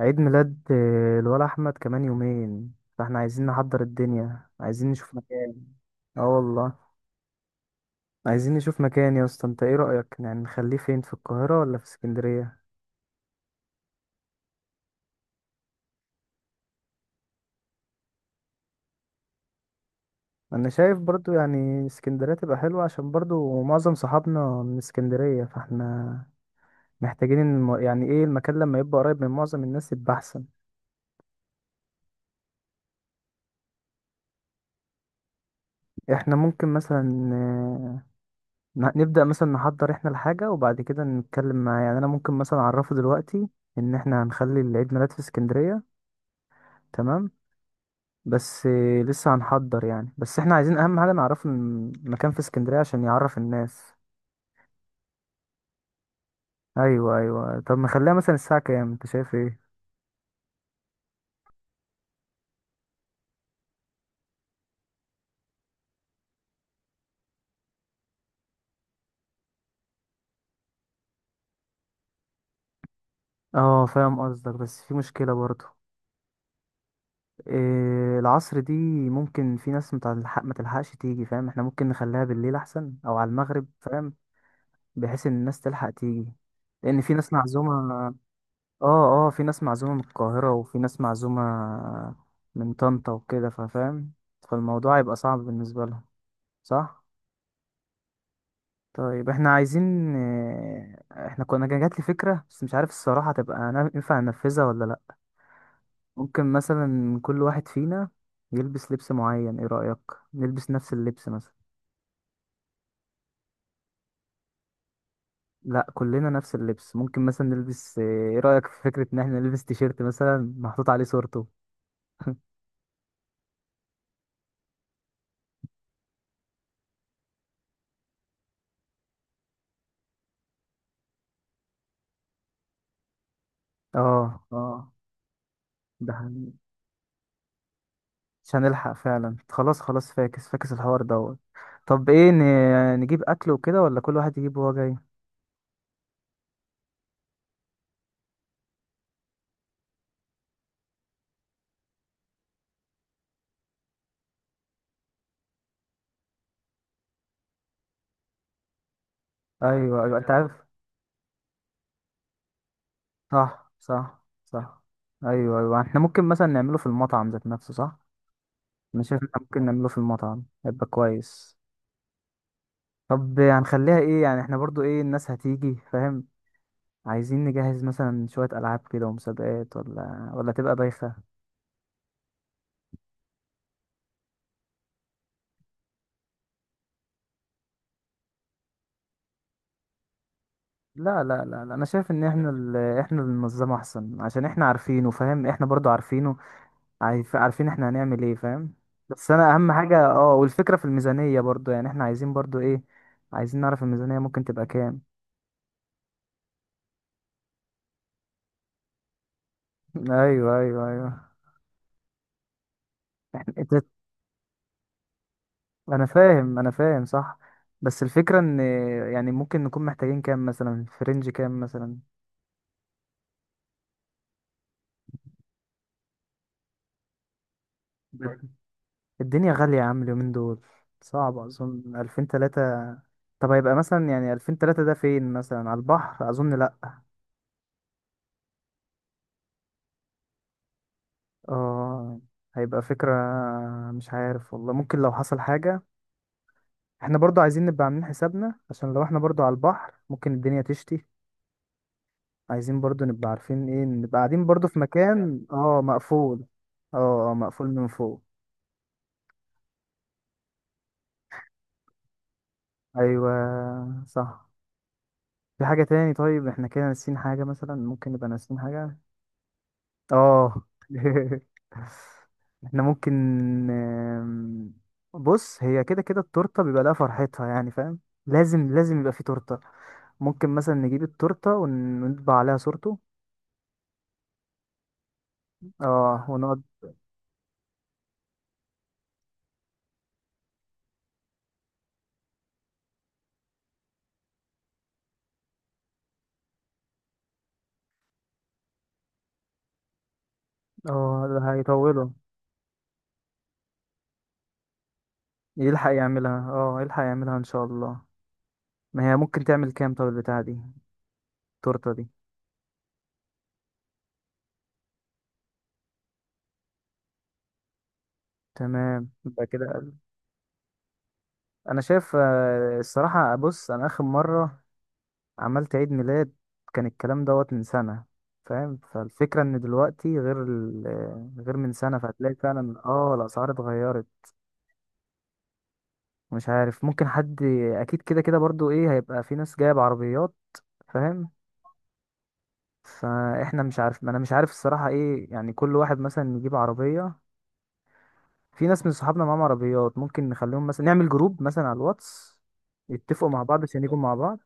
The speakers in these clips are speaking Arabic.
عيد ميلاد الولا احمد كمان يومين، فاحنا عايزين نحضر الدنيا، عايزين نشوف مكان. اه والله. عايزين نشوف مكان يا اسطى، انت ايه رأيك؟ يعني نخليه فين، في القاهرة ولا في اسكندرية؟ انا شايف برضو يعني اسكندرية تبقى حلوة، عشان برضو معظم صحابنا من اسكندرية، فاحنا محتاجين يعني ايه، المكان لما يبقى قريب من معظم الناس يبقى احسن. احنا ممكن مثلا، نبدأ مثلا نحضر احنا الحاجة، وبعد كده نتكلم معاه. يعني انا ممكن مثلا اعرفه دلوقتي ان احنا هنخلي العيد ميلاد في اسكندرية. تمام. بس لسه هنحضر يعني، بس احنا عايزين اهم حاجة نعرفه المكان في اسكندرية عشان يعرف الناس. ايوه، ايوه، طب نخليها مثلا الساعة كام؟ انت شايف ايه؟ اه فاهم قصدك، بس في مشكلة برضه. إيه العصر دي؟ ممكن في ناس متلحق ما تلحقش تيجي، فاهم؟ احنا ممكن نخليها بالليل احسن او على المغرب، فاهم؟ بحيث ان الناس تلحق تيجي، لان في ناس معزومة. اه، اه، في ناس معزومة من القاهرة، وفي ناس معزومة من طنطا وكده، ففاهم، فالموضوع هيبقى صعب بالنسبة لهم. صح. طيب احنا عايزين، احنا كنا كان جات لي فكرة، بس مش عارف الصراحة، تبقى أنا ينفع ننفذها ولا لا؟ ممكن مثلا كل واحد فينا يلبس لبس معين، ايه رأيك؟ نلبس نفس اللبس مثلا؟ لا، كلنا نفس اللبس. ممكن مثلا نلبس آه، ايه رأيك في فكرة ان احنا نلبس تيشيرت مثلا محطوط عليه صورته؟ اه، اه، ده حقيقي. مش هنلحق فعلا، خلاص خلاص، فاكس فاكس الحوار دوت. طب ايه، نجيب اكل وكده ولا كل واحد يجيب وهو جاي؟ ايوه، ايوه، انت عارف. صح، صح، صح. ايوه، ايوه، احنا ممكن مثلا نعمله في المطعم ذات نفسه، صح؟ انا شايف إن احنا ممكن نعمله في المطعم، هيبقى كويس. طب هنخليها ايه يعني؟ احنا برضو ايه الناس هتيجي، فاهم؟ عايزين نجهز مثلا شوية ألعاب كده ومسابقات، ولا تبقى بايخة؟ لا، لا، لا، لا، انا شايف ان احنا، احنا اللي ننظمه احسن، عشان احنا عارفينه، فاهم؟ احنا برضو عارفينه. عارفين احنا هنعمل ايه، فاهم؟ بس انا اهم حاجة، والفكرة في الميزانية برضو، يعني احنا عايزين برضو ايه، عايزين نعرف الميزانية ممكن تبقى كام؟ ايوه، ايوه، ايوه. انت. انا فاهم، انا فاهم، صح. بس الفكرة ان، يعني ممكن نكون محتاجين كام مثلا، في رينج كام مثلا؟ طيب. الدنيا غالية يا عم اليومين دول، صعب اظن 2000-3000. طب هيبقى مثلا، يعني 2000-3000 ده فين مثلا، على البحر اظن لا. اه، هيبقى فكرة. مش عارف والله. ممكن لو حصل حاجة، احنا برضو عايزين نبقى عاملين حسابنا، عشان لو احنا برضو على البحر ممكن الدنيا تشتي. عايزين برضو نبقى عارفين ايه، نبقى قاعدين برضو في مكان مقفول. اه، اه، مقفول من فوق. ايوه، صح. في حاجة تاني؟ طيب احنا كده ناسيين حاجة، مثلا ممكن نبقى ناسيين حاجة؟ اه. احنا ممكن آم، بص، هي كده كده التورتة بيبقى لها فرحتها يعني فاهم، لازم لازم يبقى في تورتة. ممكن مثلا نجيب التورتة ونطبع عليها صورته. اه، ونقعد. اه، ده هيطولوا. يلحق يعملها، اه، يلحق يعملها ان شاء الله. ما هي ممكن تعمل كام، طب البتاعة دي التورتة دي؟ تمام، يبقى كده أقل. انا شايف الصراحة، بص انا اخر مرة عملت عيد ميلاد كان الكلام دوت من سنة، فاهم؟ فالفكرة ان دلوقتي غير ال... آه، غير من سنة، فهتلاقي فعلا الاسعار اتغيرت. مش عارف ممكن حد، اكيد كده كده برضو، ايه، هيبقى في ناس جاية بعربيات، فاهم؟ فاحنا مش عارف ما انا مش عارف الصراحة، ايه يعني كل واحد مثلا يجيب عربية. في ناس من صحابنا معاهم عربيات، ممكن نخليهم مثلا نعمل جروب مثلا على الواتس، يتفقوا مع بعض عشان يجوا مع بعض.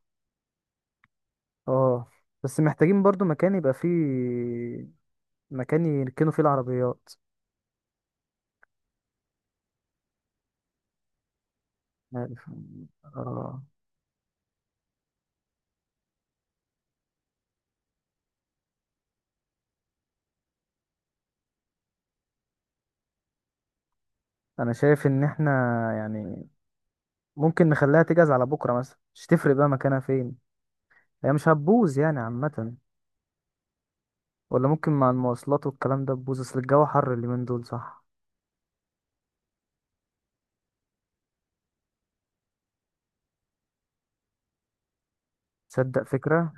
اه، بس محتاجين برضو مكان يركنوا فيه العربيات. عارف. اه، انا شايف ان احنا، يعني ممكن نخليها تجهز على بكرة مثلا، مش تفرق بقى مكانها فين، هي مش هتبوظ يعني عامة. ولا ممكن مع المواصلات والكلام ده تبوظ، اصل الجو حر اليومين دول، صح؟ تصدق فكرة.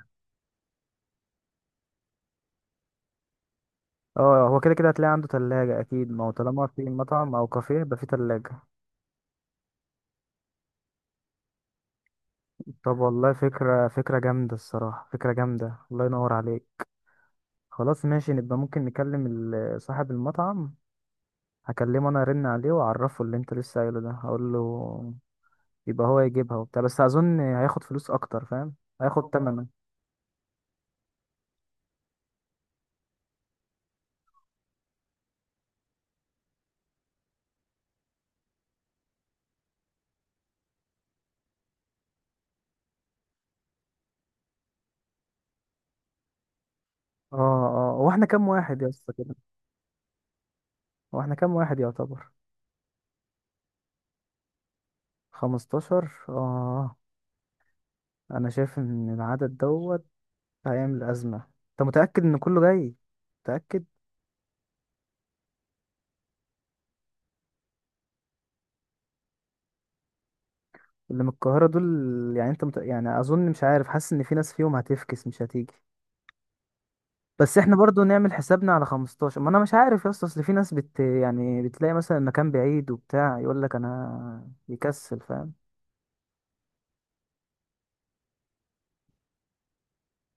اه، هو كده كده هتلاقي عنده تلاجة اكيد، ما هو طالما في مطعم او كافيه يبقى في تلاجة. طب والله، فكرة، فكرة جامدة الصراحة، فكرة جامدة، الله ينور عليك. خلاص ماشي، نبقى ممكن نكلم صاحب المطعم. هكلمه انا، ارن عليه واعرفه اللي انت لسه قايله ده هقول له. يبقى هو يجيبها وبتاع، بس اظن هياخد فلوس اكتر، فاهم. هياخد تمنه. اه، اه، هو احنا كام واحد يا اسطى كده؟ هو احنا كام واحد يعتبر؟ 15، اه. انا شايف ان العدد دوت هيعمل أزمة. أنت متأكد إن كله جاي؟ متأكد؟ اللي من القاهرة دول، يعني أنت يعني أظن، مش عارف، حاسس إن في ناس فيهم هتفكس مش هتيجي. بس إحنا برضو نعمل حسابنا على 15، ما أنا مش عارف يا اسطى، أصل في ناس يعني بتلاقي مثلا مكان بعيد وبتاع، يقول لك أنا يكسل، فاهم.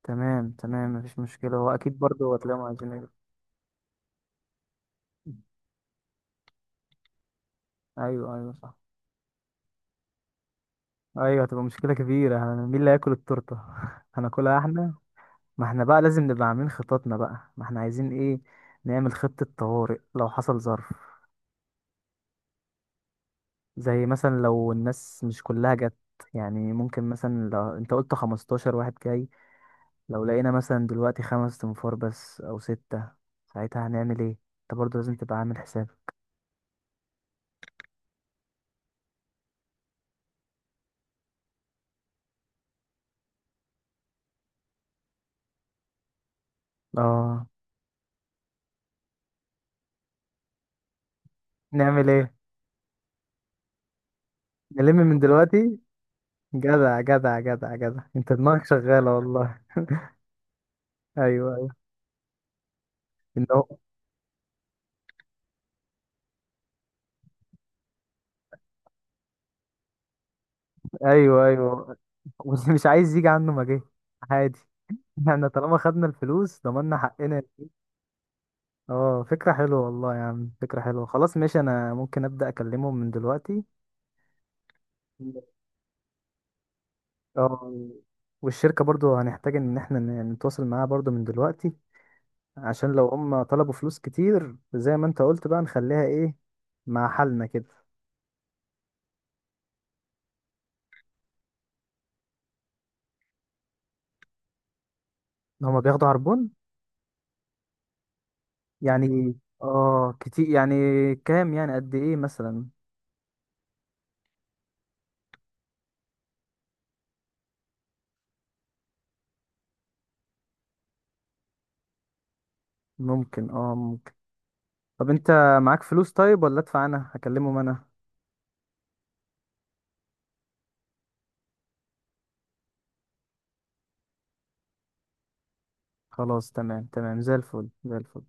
تمام، تمام، مفيش مشكلة، هو أكيد برضو هتلاقيهم عايزين يجوا. أيوه، أيوه، صح. أيوه، هتبقى مشكلة كبيرة، مين اللي هياكل التورتة؟ هناكلها إحنا. ما احنا بقى لازم نبقى عاملين خططنا بقى، ما احنا عايزين ايه. نعمل خطة طوارئ لو حصل ظرف. زي مثلا لو الناس مش كلها جت، يعني ممكن مثلا لو انت قلت 15 واحد جاي. لو لقينا مثلا دلوقتي 5 تنفار بس او 6، ساعتها هنعمل ايه؟ انت برضو لازم تبقى عامل حساب. اه، نعمل ايه؟ نلم من دلوقتي. جدع، جدع، جدع، جدع، انت دماغك شغالة والله. ايوه، ايوه. إن هو- ايوه، ايوه، واللي مش عايز يجي عنه ما جه، عادي. احنا طالما خدنا الفلوس، ضمننا حقنا. اه، فكرة حلوة والله يا عم، فكرة حلوة. خلاص ماشي، انا ممكن ابدأ اكلمهم من دلوقتي. اه. والشركة برضو هنحتاج ان احنا نتواصل معاها برضو من دلوقتي. عشان لو هم طلبوا فلوس كتير زي ما انت قلت، بقى نخليها ايه مع حالنا كده. هما بياخدوا عربون؟ يعني اه، كتير يعني؟ كام يعني، قد ايه مثلا؟ ممكن، ممكن. طب انت معاك فلوس طيب، ولا ادفع انا؟ هكلمهم انا. خلاص، تمام، تمام، زي الفل، زي الفل.